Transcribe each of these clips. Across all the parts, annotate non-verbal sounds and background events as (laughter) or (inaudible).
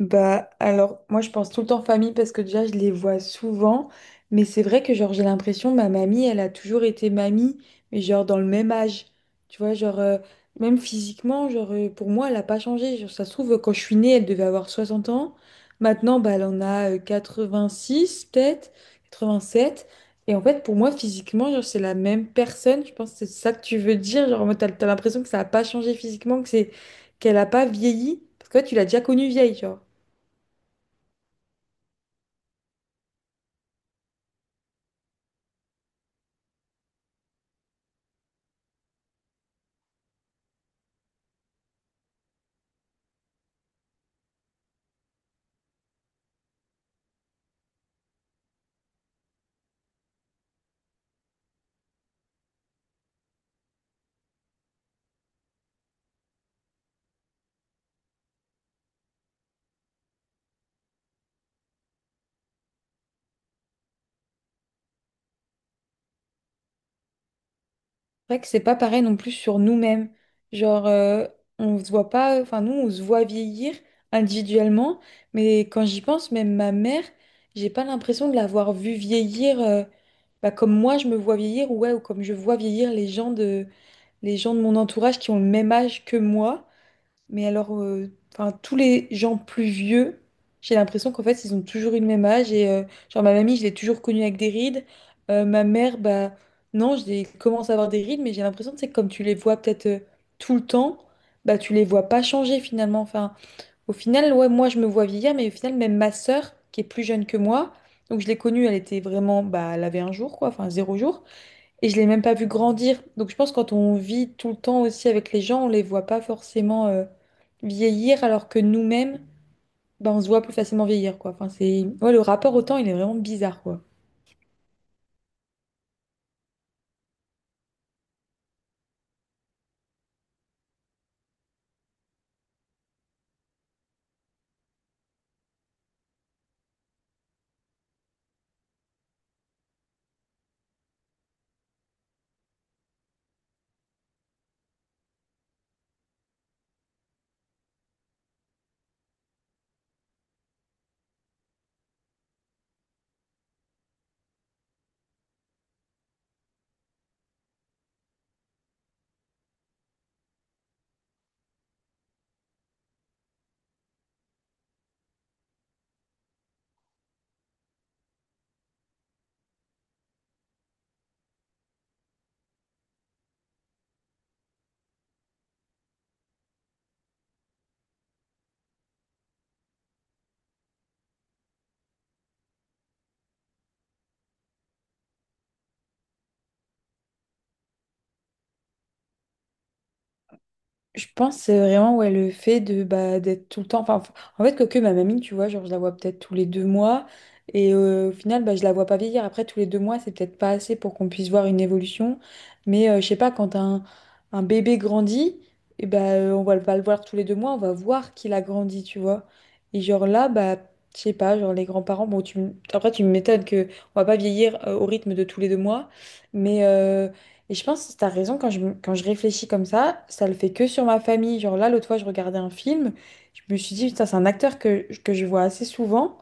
Bah alors moi je pense tout le temps famille parce que déjà je les vois souvent, mais c'est vrai que genre j'ai l'impression ma mamie elle a toujours été mamie, mais genre dans le même âge, tu vois genre même physiquement genre pour moi elle a pas changé. Genre ça se trouve quand je suis née elle devait avoir 60 ans. Maintenant bah elle en a six peut-être, 87. Et en fait pour moi physiquement genre c'est la même personne. Je pense que c'est ça que tu veux dire, genre en mode, t'as l'impression que ça a pas changé physiquement, que c'est qu'elle a pas vieilli parce que ouais, tu l'as déjà connue vieille genre vrai que c'est pas pareil non plus sur nous-mêmes. Genre, on se voit pas, enfin, nous, on se voit vieillir individuellement, mais quand j'y pense, même ma mère, j'ai pas l'impression de l'avoir vue vieillir bah, comme moi je me vois vieillir, ouais, ou comme je vois vieillir les gens de mon entourage qui ont le même âge que moi. Mais alors, enfin, tous les gens plus vieux, j'ai l'impression qu'en fait, ils ont toujours eu le même âge. Et genre, ma mamie, je l'ai toujours connue avec des rides. Ma mère, bah, non, j'ai commence à avoir des rides, mais j'ai l'impression, tu sais, que comme tu les vois peut-être tout le temps, bah, tu les vois pas changer finalement. Enfin, au final, ouais, moi, je me vois vieillir, mais au final, même ma sœur, qui est plus jeune que moi, donc je l'ai connue, elle était vraiment, bah, elle avait un jour, quoi, enfin, zéro jour. Et je l'ai même pas vu grandir. Donc je pense que quand on vit tout le temps aussi avec les gens, on les voit pas forcément vieillir, alors que nous-mêmes, bah, on se voit plus facilement vieillir, quoi. Enfin, c'est ouais, le rapport au temps, il est vraiment bizarre, quoi. Je pense c'est vraiment ouais, le fait de bah, d'être tout le temps. Enfin, en fait, quoique ma mamie, tu vois, genre, je la vois peut-être tous les 2 mois. Et au final, bah, je la vois pas vieillir. Après, tous les 2 mois, c'est peut-être pas assez pour qu'on puisse voir une évolution. Mais je sais pas, quand un bébé grandit, et bah, on va pas le voir tous les 2 mois, on va voir qu'il a grandi, tu vois. Et genre là, bah, je sais pas, genre les grands-parents, bon, après, tu m'étonnes qu'on va pas vieillir au rythme de tous les 2 mois. Mais et je pense que t'as raison, quand quand je réfléchis comme ça le fait que sur ma famille. Genre là, l'autre fois, je regardais un film, je me suis dit, putain, c'est un acteur que je vois assez souvent.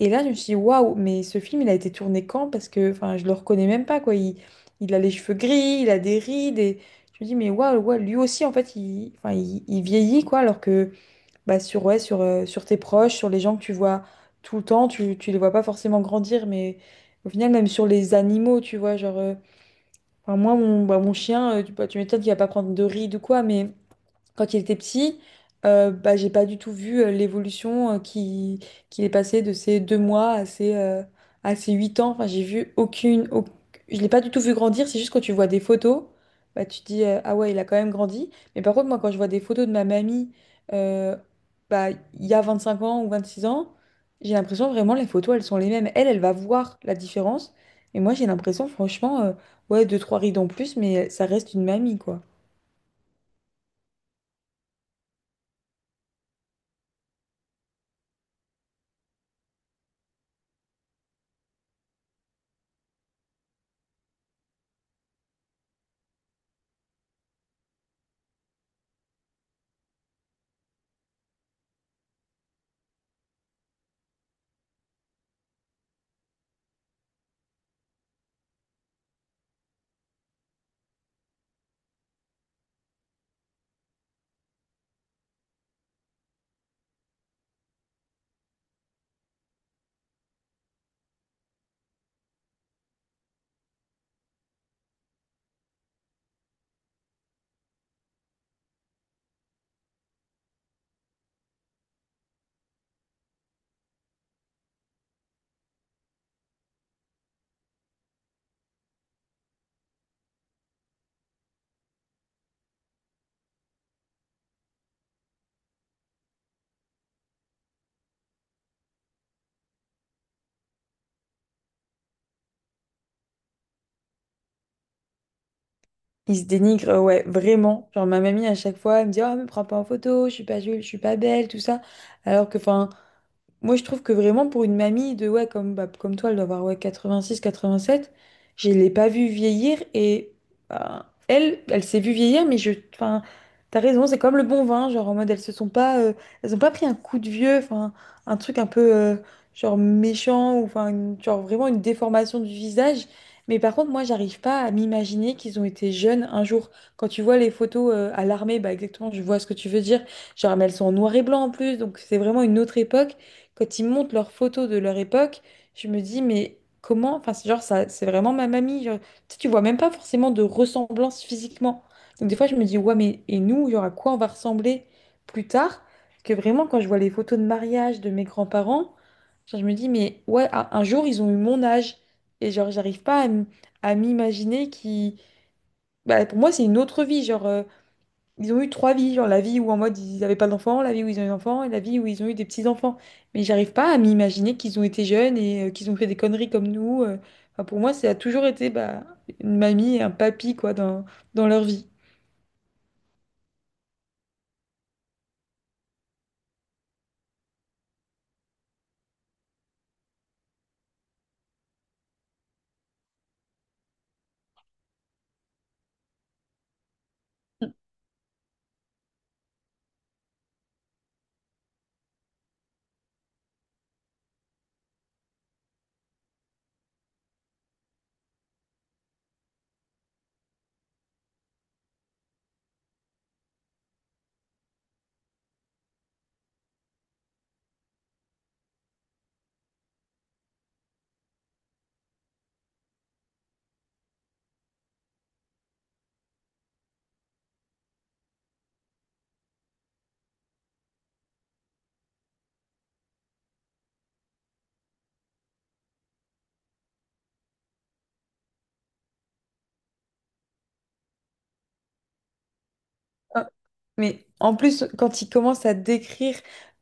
Et là, je me suis dit, waouh, mais ce film, il a été tourné quand? Parce que, enfin, je le reconnais même pas, quoi. Il a les cheveux gris, il a des rides, et je me dis, mais waouh, ouais, lui aussi, en fait, il, enfin, il vieillit, quoi. Alors que, bah, sur, ouais, sur, sur tes proches, sur les gens que tu vois tout le temps, tu les vois pas forcément grandir, mais au final, même sur les animaux, tu vois, genre. Enfin, moi, mon, bah, mon chien, tu, bah, tu m'étonnes qu'il va pas prendre de rides ou quoi, mais quand il était petit, bah, j'ai pas du tout vu l'évolution qui, qu'il est passé de ses 2 mois à à ses 8 ans. Enfin, j'ai vu aucune. Je l'ai pas du tout vu grandir. C'est juste quand tu vois des photos, bah, tu te dis ah ouais, il a quand même grandi. Mais par contre, moi, quand je vois des photos de ma mamie euh, bah, il y a 25 ans ou 26 ans, j'ai l'impression vraiment les photos, elles sont les mêmes. Elle, elle va voir la différence. Et moi, j'ai l'impression, franchement, ouais, deux, trois rides en plus, mais ça reste une mamie, quoi. Ils se dénigrent, ouais, vraiment. Genre, ma mamie, à chaque fois, elle me dit, Oh, me prends pas en photo, je suis pas jolie, je suis pas belle, tout ça. Alors que, enfin, moi, je trouve que vraiment pour une mamie de ouais comme bah, comme toi, elle doit avoir ouais 86, 87. Je l'ai pas vue vieillir et bah, elle, elle s'est vue vieillir, mais je, enfin, t'as raison, c'est comme le bon vin, genre en mode elles se sont pas, elles ont pas pris un coup de vieux, enfin un truc un peu genre méchant ou enfin genre vraiment une déformation du visage. Mais par contre, moi, j'arrive pas à m'imaginer qu'ils ont été jeunes un jour. Quand tu vois les photos à l'armée, bah exactement, je vois ce que tu veux dire. Genre, mais elles sont en noir et blanc en plus, donc c'est vraiment une autre époque quand ils montent leurs photos de leur époque, je me dis, mais comment? Enfin, c'est genre, ça, c'est vraiment ma mamie. Genre, tu sais, tu vois même pas forcément de ressemblance physiquement. Donc, des fois, je me dis, ouais, mais et nous, il y aura quoi on va ressembler plus tard? Parce que vraiment, quand je vois les photos de mariage de mes grands-parents, genre, je me dis, mais ouais, un jour, ils ont eu mon âge. Et genre, j'arrive pas à à m'imaginer qui. Bah, pour moi, c'est une autre vie. Genre, ils ont eu trois vies, genre la vie où en mode ils n'avaient pas d'enfants, la vie où ils ont eu des enfants et la vie où ils ont eu des petits-enfants. Mais j'arrive pas à m'imaginer qu'ils ont été jeunes et qu'ils ont fait des conneries comme nous. Enfin, pour moi, ça a toujours été bah, une mamie et un papy quoi, dans, dans leur vie. Mais en plus, quand ils commencent à décrire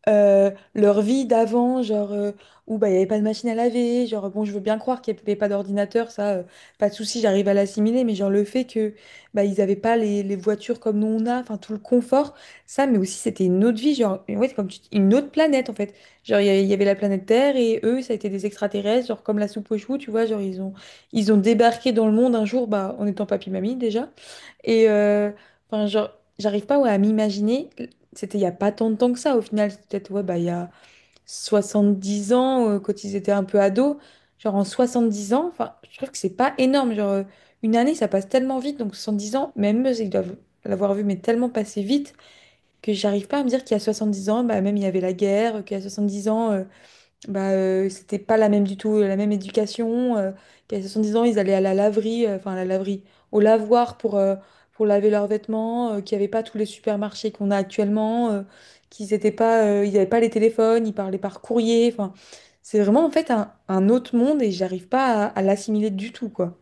leur vie d'avant, genre où bah, il n'y avait pas de machine à laver, genre bon, je veux bien croire qu'il n'y avait pas d'ordinateur, ça, pas de souci, j'arrive à l'assimiler, mais genre le fait que bah, ils n'avaient pas les, les voitures comme nous on a, enfin tout le confort, ça, mais aussi c'était une autre vie, genre ouais, comme tu dis, une autre planète en fait. Genre il y avait la planète Terre et eux, ça a été des extraterrestres, genre comme la soupe aux choux, tu vois, genre ils ont débarqué dans le monde un jour, bah, en étant papy-mamie déjà. Et enfin, genre, j'arrive pas ouais, à m'imaginer. C'était il y a pas tant de temps que ça. Au final, c'était peut-être ouais, bah, il y a 70 ans, quand ils étaient un peu ados. Genre en 70 ans, enfin, je trouve que c'est pas énorme. Genre, une année, ça passe tellement vite. Donc 70 ans, même eux, ils doivent l'avoir vu, mais tellement passé vite que j'arrive pas à me dire qu'il y a 70 ans, bah, même il y avait la guerre, qu'il y a 70 ans. Bah, c'était pas la même du tout, la même éducation. Puis à 70 ans, ils allaient à la laverie, enfin à la laverie, au lavoir pour laver leurs vêtements, qu'il n'y avait pas tous les supermarchés qu'on a actuellement, qu'ils étaient pas, ils n'avaient pas les téléphones, ils parlaient par courrier. Enfin, c'est vraiment en fait un autre monde et j'arrive pas à l'assimiler du tout, quoi.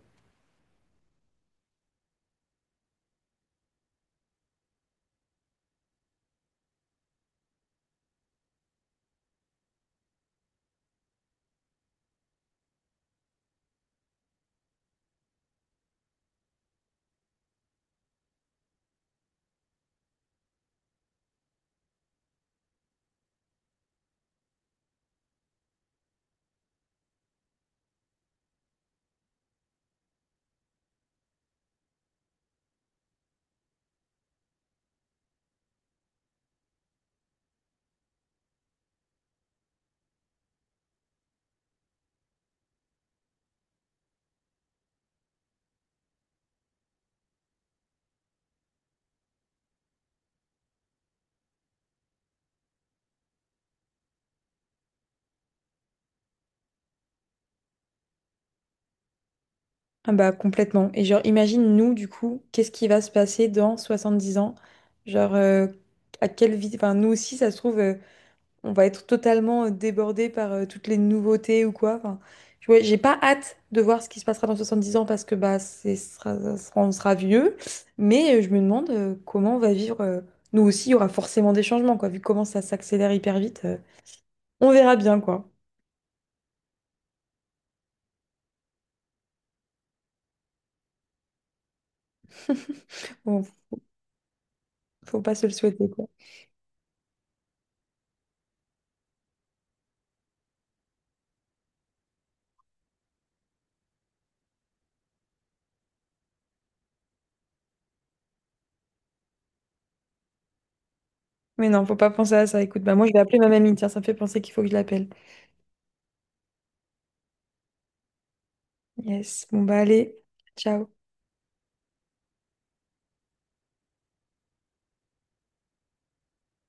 Ah bah complètement. Et genre, imagine nous, du coup, qu'est-ce qui va se passer dans 70 ans? Genre, à quelle vie, enfin nous aussi, ça se trouve. On va être totalement débordé par toutes les nouveautés ou quoi. Enfin, ouais, j'ai pas hâte de voir ce qui se passera dans 70 ans parce que bah, c'est, ce sera, ça sera- on sera vieux, mais je me demande comment on va vivre. Nous aussi, il y aura forcément des changements, quoi, vu comment ça s'accélère hyper vite. On verra bien, quoi. (laughs) Bon, faut pas se le souhaiter, quoi. Mais non, faut pas penser à ça. Écoute, bah moi, je vais appeler ma mamie. Tiens, ça me fait penser qu'il faut que je l'appelle. Yes. Bon, bah allez. Ciao.